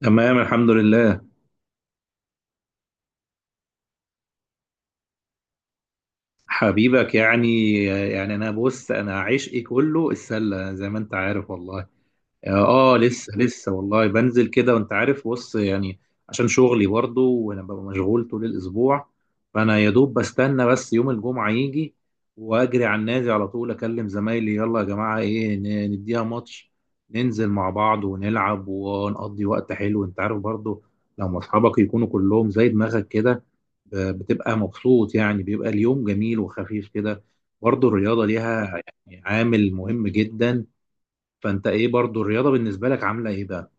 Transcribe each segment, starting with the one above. تمام، الحمد لله. حبيبك، يعني بص انا عشقي كله السله زي ما انت عارف والله. اه، لسه لسه والله بنزل كده وانت عارف، بص يعني. عشان شغلي برضه وانا ببقى مشغول طول الاسبوع، فانا يا دوب بستنى بس يوم الجمعه يجي، واجري على النادي على طول، اكلم زمايلي: يلا يا جماعه، ايه، نديها ماتش، ننزل مع بعض ونلعب ونقضي وقت حلو. انت عارف برضه، لما اصحابك يكونوا كلهم زي دماغك كده، بتبقى مبسوط يعني، بيبقى اليوم جميل وخفيف كده. برضه الرياضة ليها يعني عامل مهم جدا. فانت ايه، برضه الرياضة بالنسبة لك عاملة ايه بقى؟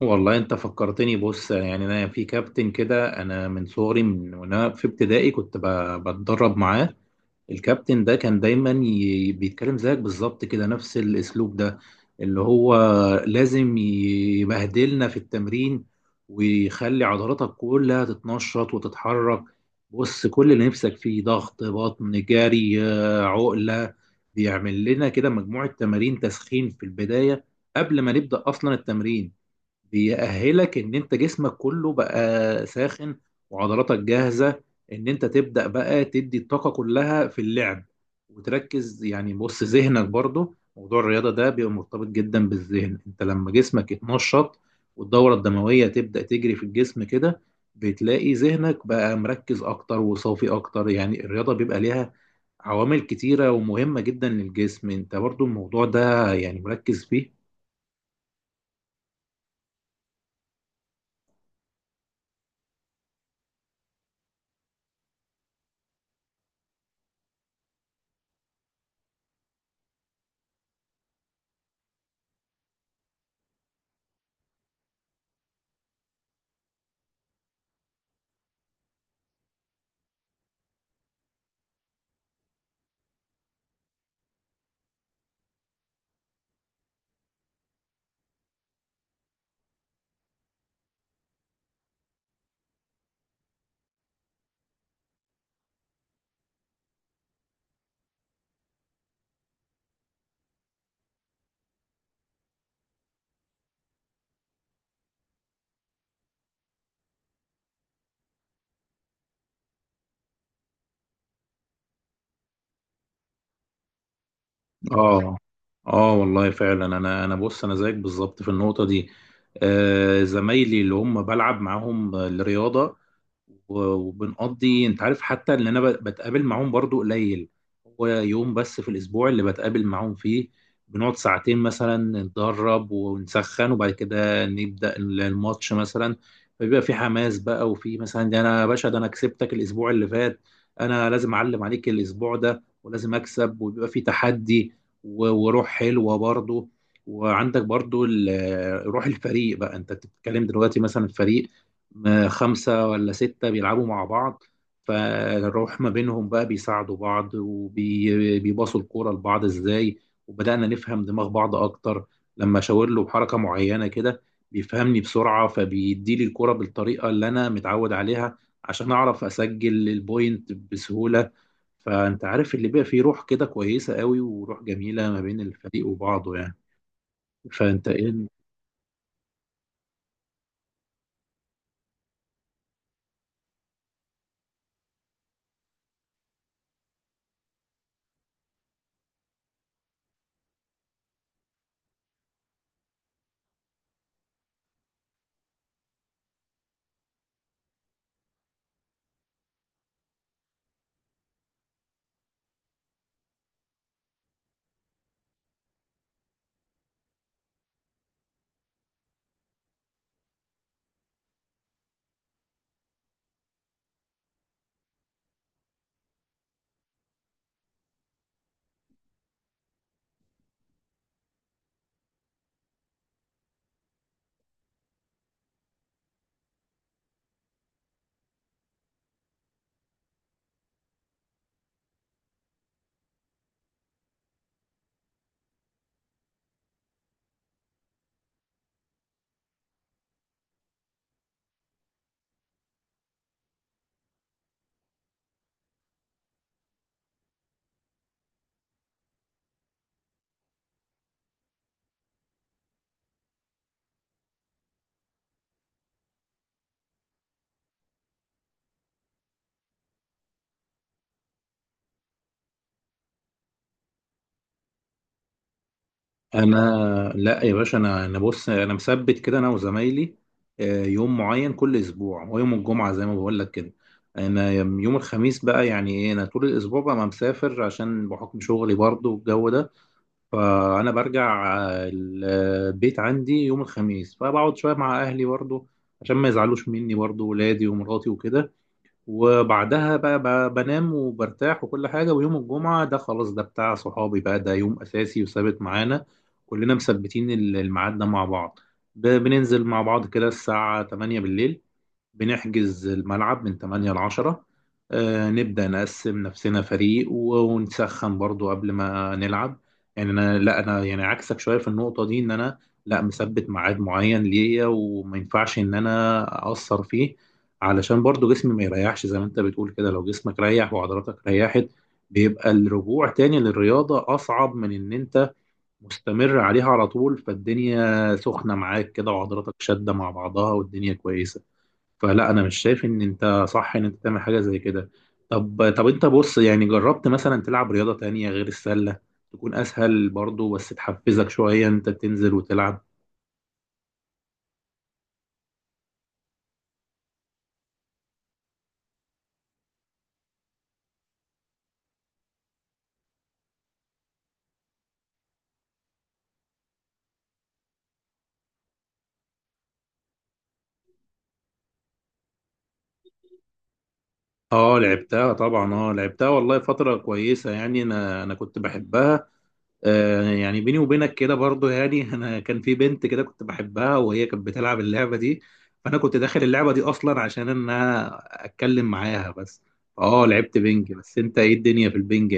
والله انت فكرتني. بص يعني انا في كابتن كده، انا من صغري، من وانا في ابتدائي كنت بتدرب معاه. الكابتن ده كان دايما بيتكلم زيك بالظبط كده، نفس الاسلوب ده، اللي هو لازم يبهدلنا في التمرين ويخلي عضلاتك كلها تتنشط وتتحرك. بص، كل اللي نفسك فيه: ضغط بطن، جري، آه، عقلة. بيعمل لنا كده مجموعة تمارين تسخين في البداية قبل ما نبدأ أصلا التمرين، بيأهلك ان انت جسمك كله بقى ساخن وعضلاتك جاهزة ان انت تبدأ بقى تدي الطاقة كلها في اللعب وتركز. يعني بص، ذهنك برضو، موضوع الرياضة ده بيبقى مرتبط جدا بالذهن. انت لما جسمك يتنشط والدورة الدموية تبدأ تجري في الجسم كده، بتلاقي ذهنك بقى مركز اكتر وصافي اكتر. يعني الرياضة بيبقى ليها عوامل كتيرة ومهمة جدا للجسم. انت برضو الموضوع ده يعني مركز فيه. اه. اه والله فعلا، انا بص انا زيك بالظبط في النقطه دي. آه، زمايلي اللي هم بلعب معاهم الرياضه وبنقضي، انت عارف، حتى ان انا بتقابل معاهم برضو قليل، هو يوم بس في الاسبوع اللي بتقابل معاهم فيه. بنقعد ساعتين مثلا، نتدرب ونسخن وبعد كده نبدا الماتش مثلا. فبيبقى في حماس بقى، وفي مثلا: ده انا يا باشا، ده انا كسبتك الاسبوع اللي فات، انا لازم اعلم عليك الاسبوع ده ولازم اكسب، وبيبقى في تحدي وروح حلوه برضه. وعندك برضه روح الفريق بقى. انت بتتكلم دلوقتي مثلا فريق خمسه ولا سته بيلعبوا مع بعض، فالروح ما بينهم بقى، بيساعدوا بعض وبيباصوا الكوره لبعض ازاي. وبدانا نفهم دماغ بعض اكتر، لما اشاور له بحركه معينه كده بيفهمني بسرعه، فبيديلي الكوره بالطريقه اللي انا متعود عليها عشان اعرف اسجل البوينت بسهوله. فانت عارف، اللي بيبقى فيه روح كده كويسه قوي وروح جميله ما بين الفريق وبعضه يعني. فانت ايه؟ انا، لا يا باشا، انا بص انا مثبت كده انا وزمايلي آه، يوم معين كل اسبوع، هو يوم الجمعه زي ما بقول لك كده. انا يوم الخميس بقى يعني ايه، انا طول الاسبوع بقى ما مسافر عشان بحكم شغلي برضه والجو ده. فانا برجع آه، البيت عندي يوم الخميس، فبقعد شويه مع اهلي برضه عشان ما يزعلوش مني برضه، ولادي ومراتي وكده. وبعدها بقى بنام وبرتاح وكل حاجة. ويوم الجمعة ده خلاص، ده بتاع صحابي بقى، ده يوم أساسي وثابت معانا كلنا، مثبتين الميعاد ده مع بعض. بننزل مع بعض كده الساعة 8 بالليل، بنحجز الملعب من 8 ل 10. آه، نبدأ نقسم نفسنا فريق ونسخن برضو قبل ما نلعب. يعني انا، لا انا يعني عكسك شوية في النقطة دي، ان انا، لا، مثبت ميعاد معين ليا وما ينفعش ان انا اقصر فيه، علشان برضو جسمي ما يريحش. زي ما انت بتقول كده، لو جسمك ريح وعضلاتك ريحت، بيبقى الرجوع تاني للرياضة أصعب من إن أنت مستمر عليها على طول. فالدنيا سخنة معاك كده وعضلاتك شادة مع بعضها والدنيا كويسة. فلا، انا مش شايف ان انت صح ان انت تعمل حاجه زي كده. طب، طب انت بص، يعني جربت مثلا تلعب رياضه تانية غير السله؟ تكون اسهل برضو بس تحفزك شويه انت تنزل وتلعب. اه لعبتها طبعا، اه لعبتها والله فتره كويسه، يعني انا كنت بحبها. آه يعني بيني وبينك كده برضو يعني انا كان في بنت كده كنت بحبها وهي كانت بتلعب اللعبه دي، فانا كنت داخل اللعبه دي اصلا عشان ان انا اتكلم معاها بس. اه لعبت بينج. بس انت، ايه الدنيا في البينج؟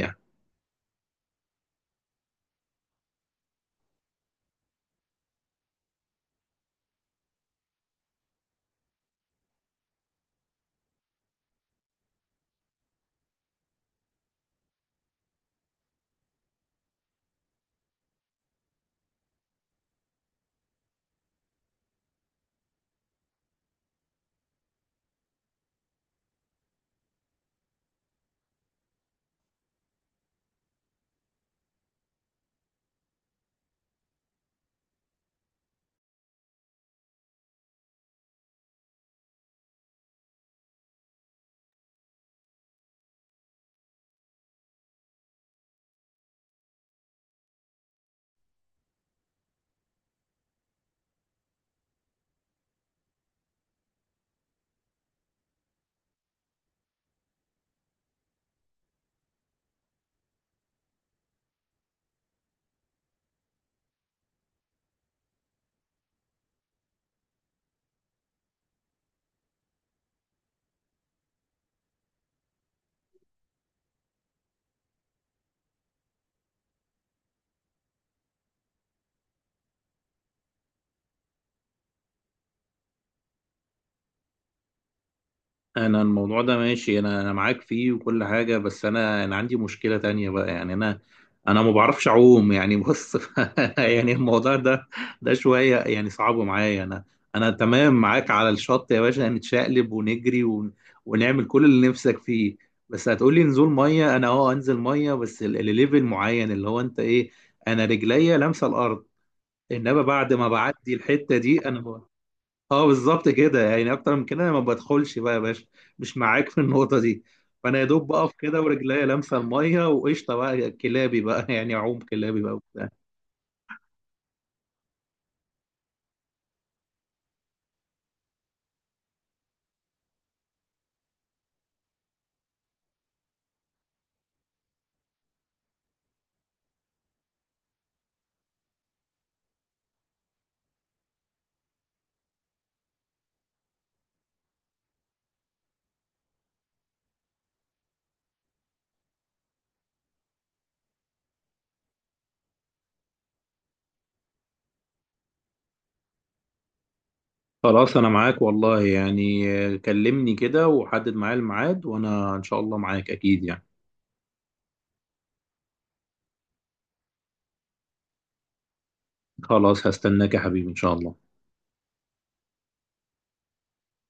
انا الموضوع ده ماشي، انا معاك فيه وكل حاجه، بس انا عندي مشكله تانية بقى، يعني انا، انا ما بعرفش اعوم. يعني بص يعني الموضوع ده، ده شويه يعني صعب معايا. انا، انا تمام معاك على الشط يا باشا، نتشقلب ونجري ونعمل كل اللي نفسك فيه. بس هتقولي نزول ميه، انا اه انزل ميه، بس الليفل معين اللي هو انت ايه، انا رجليا لامسه الارض. انما بعد ما بعدي الحته دي، انا... اه بالظبط كده. يعني اكتر من كده انا ما بدخلش بقى يا باشا، مش معاك في النقطه دي. فانا يا دوب بقف كده ورجليا لامسه الميه وقشطه بقى كلابي بقى يعني اعوم كلابي بقى وبتاع. خلاص، انا معاك والله، يعني آه، كلمني كده وحدد معايا الميعاد وانا ان شاء الله معاك اكيد يعني. خلاص، هستناك يا حبيبي ان شاء الله.